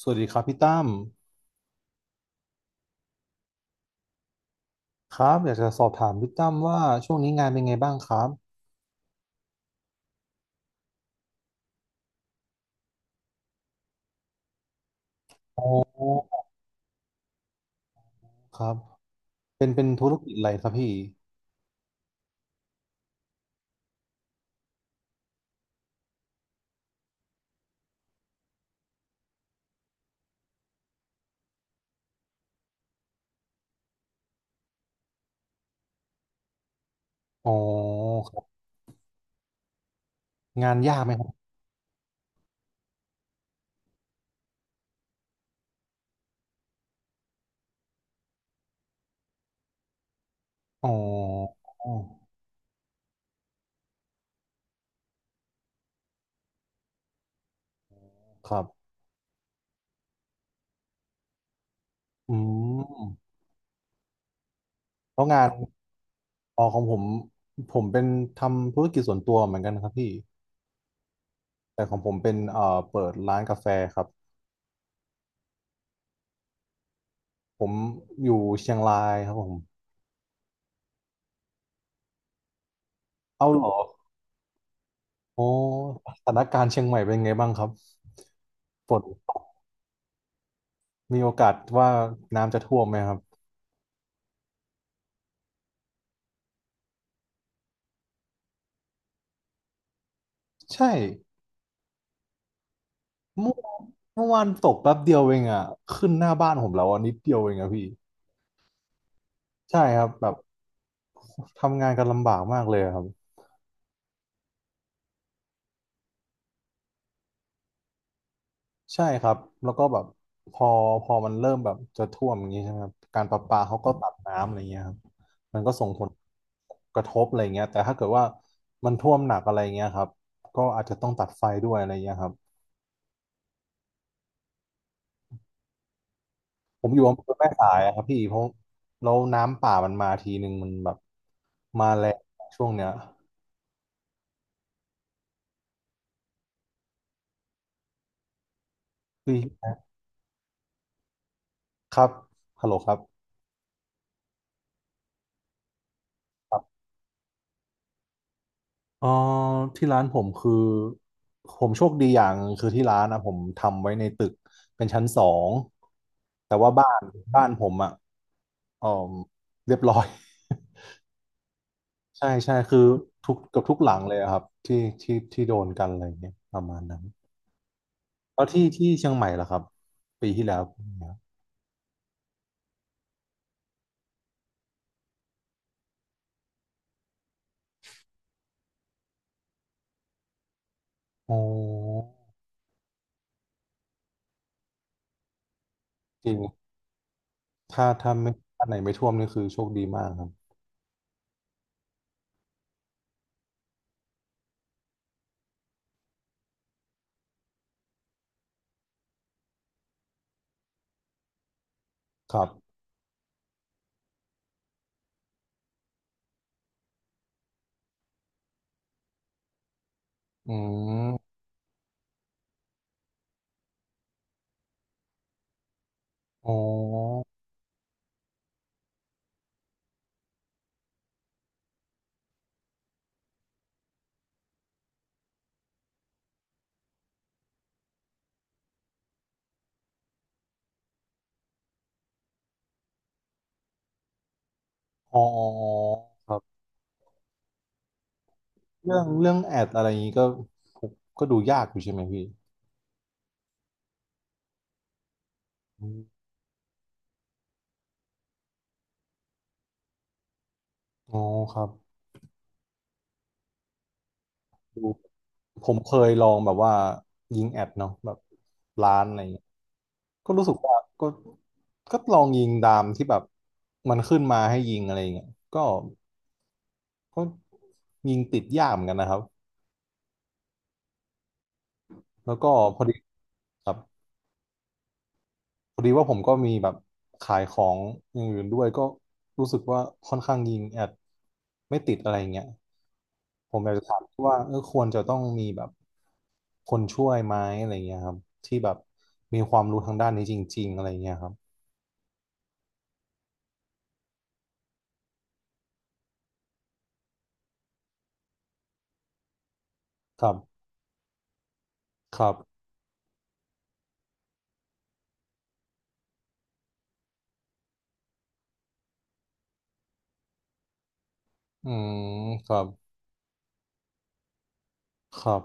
สวัสดีครับพี่ตั้มครับอยากจะสอบถามพี่ตั้มว่าช่วงนี้งานเป็นไงบ้างครับอ๋อครับเป็นธุรกิจอะไรครับพี่อ๋อครับงานยากไหมครับอ๋อครับอืมแล้วงานอ๋อของผมผมเป็นทำธุรกิจส่วนตัวเหมือนกันครับพี่แต่ของผมเป็นเปิดร้านกาแฟครับผมอยู่เชียงรายครับผมเอาเหรอโอ้สถานการณ์เชียงใหม่เป็นไงบ้างครับฝนมีโอกาสว่าน้ำจะท่วมไหมครับ ใช่เมื่อเมื่อวานตกแป๊บเดียวเองอ่ะขึ้นหน้าบ้านผมแล้วอ่ะนิดเดียวเองอ่ะพี่ใช่ครับแบบทำงานกันลำบากมากเลยอะครับใช่ครับแล้วก็แบบพอพอมันเริ่มแบบจะท่วมอย่างนี้ใช่ไหมครับการประปาเขาก็ตัดน้ำอะไรเงี้ยครับมันก็ส่งผลกระทบอะไรเงี้ยแต่ถ้าเกิดว่ามันท่วมหนักอะไรเงี้ยครับก็อาจจะต้องตัดไฟด้วยอะไรเงี้ยครับผมอยู่อำเภอแม่สายอะครับพี่เพราะแล้วน้ำป่ามันมาทีหนึ่งมันแบบมาแรงช่วงเนี้ย เฮ้ครับฮัลโหลครับครับเอ่อที่ร้านผมคือผมโชคดีอย่างงคือที่ร้านนะผมทำไว้ในตึกเป็นชั้นสองแต่ว่าบ้านบ้านผมอ่ะเอ่อเรียบร้อย ใช่ใช่คือทุกเกับทุกหลังเลยอะครับที่ที่โดนกันอะไรเงี้ยประมาณนั้นแล้วที่ที่เชียงใหม่ล่ะครับปีที่แล้วเป็นไงครับโอ้จริงถ้าไม่ถ้าไหนไม่ท่วมนี่คือโชคดีมากครับครับอืมอ๋อ อ๋อครับเรื่องแอดอะไรอย่างนี้ก็ผมก็ดูยากอยู่ใช่ไหมพี่อมอ๋อครับดูผมเคยลองแบบว่ายิงแอดเนาะแบบร้านอะไรอย่างเงี้ยก็รู้สึกว่าก็ลองยิงตามที่แบบมันขึ้นมาให้ยิงอะไรอย่างเงี้ยก็ก็ยิงติดยากเหมือนกันนะครับแล้วก็พอดีครับ พอดีว่าผมก็มีแบบขายของอย่างอื่นด้วยก็รู้สึกว่าค่อนข้างยิงแอดไม่ติดอะไรอย่างเงี้ยผมอยากจะถามว่าเออควรจะต้องมีแบบคนช่วยไหมอะไรเงี้ยครับที่แบบมีความรู้ทางด้านนี้จริงๆอะไรเงี้ยครับครับครับอืมครับครับ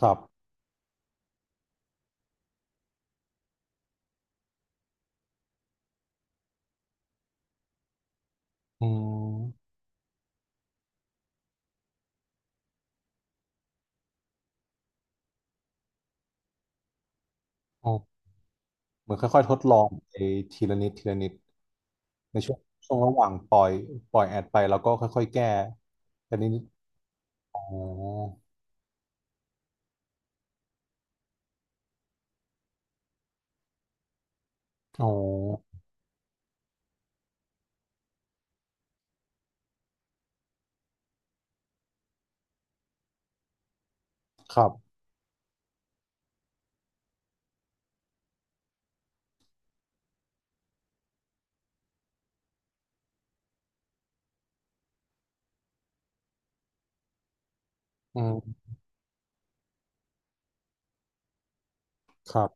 ครับอืมโอ้เหมือนค่อยๆทดลองไปทีละนิดทีละนิดในช่วงระหว่างปล่อยแอดไปแล้วก็ค่อยๆแก้แต่นี้อ๋ออ๋อ ครับอืมครับ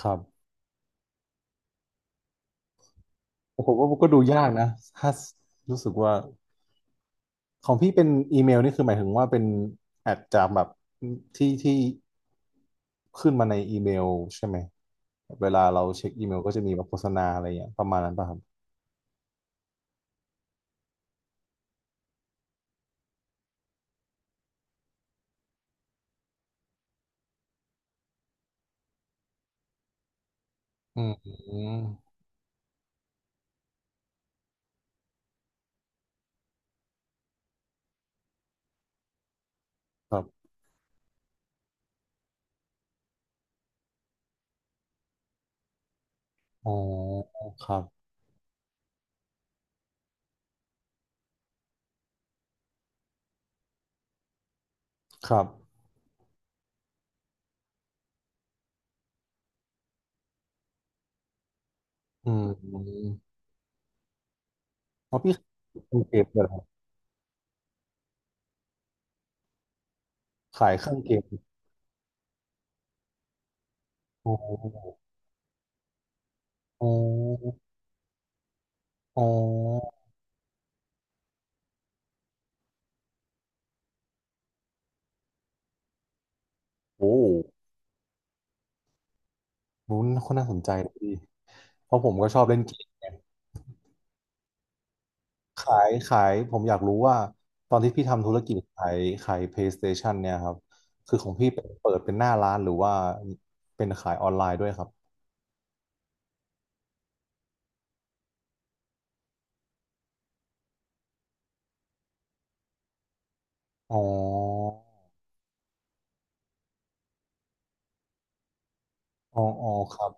ครับ ผมว่ามันก็ดูยากนะถ้ารู้สึกว่าของพี่เป็นอีเมลนี่คือหมายถึงว่าเป็นแอดจากแบบที่ที่ขึ้นมาในอีเมลใช่ไหม เวลาเราเช็คอีเมลก็จะมีแบบโฆษณาอะไรอย่างเงี้ยประมาณนั้นป่ะครับอืมครับอ๋อครับครับอืมเพราะพี่ขายเครื่องเกมเลยเหรอครับขายเครื่องเกมอ๋ออ๋ออ๋อโอ้ รู้นคนน่าสนใจดีเพราะผมก็ชอบเล่นเกมไงขายผมอยากรู้ว่าตอนที่พี่ทำธุรกิจขายขาย PlayStation เนี่ยครับคือของพี่เป็นเปิดเป็นหน้าร้านหรือว่าเป็นขายออนไลน์ด้วยครับอ๋ออ๋ออ๋อครับ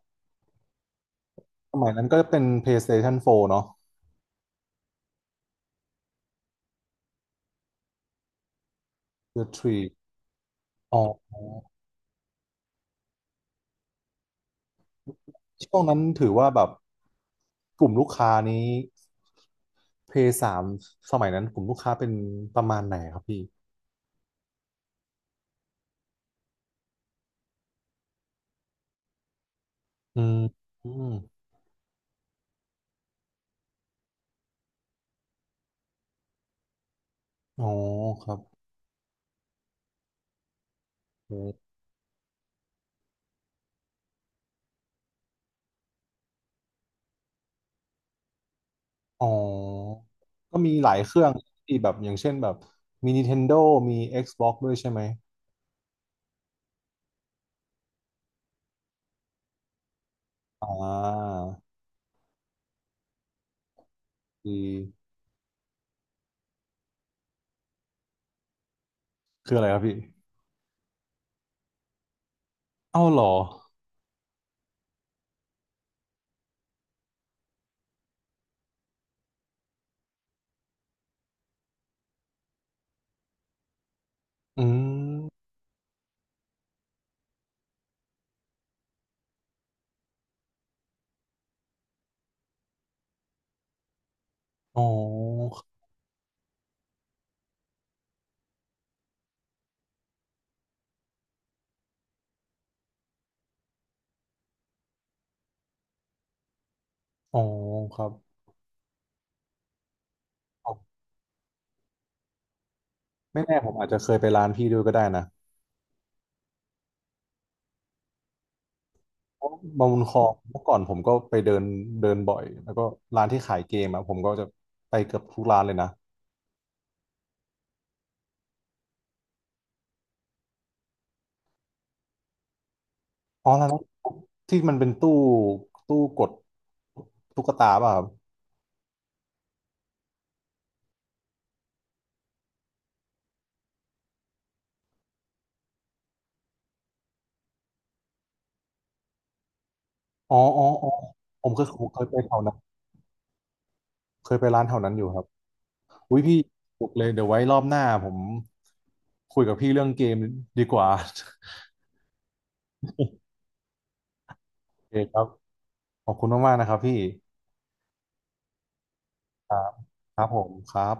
สมัยนั้นก็เป็น PlayStation 4เนาะ The Tree อ๋อช่วงนั้นถือว่าแบบกลุ่มลูกค้านี้ PS3 สามสมัยนั้นกลุ่มลูกค้าเป็นประมาณไหนครับพี่อืมอืมอ๋อครับ อืมอ๋อก็มีหลายเครื่องที่แบบอย่างเช่นแบบมี Nintendo มี Xbox ด้วยใช่ไหมอ่าดีคืออะไรครับพี่เอ้าเหรออืมอ๋ออ๋อครับอ๋อไม่แน่ผมอาจจะเคยไปร้านพี่ด้วยก็ได้นะเพราะบางบุญครองเมื่อก่อนผมก็ไปเดินเดินบ่อยแล้วก็ร้านที่ขายเกมอะผมก็จะไปเกือบทุกร้านเลยนะอ๋อร้านนั้นที่มันเป็นตู้ตู้กดตุ๊กตาป่ะครับ อ๋ออ๋ออ๋อผมเคยไปแถวนั้นเคยไปร้านแถวนั้นอยู่ครับ อุ้ยพี่ถูกเลยเดี๋ยวไว้รอบหน้าผมคุยกับพี่เรื่องเกมดีกว่า โอเคครับขอบคุณมากๆนะครับพี่ ครับครับผมครับ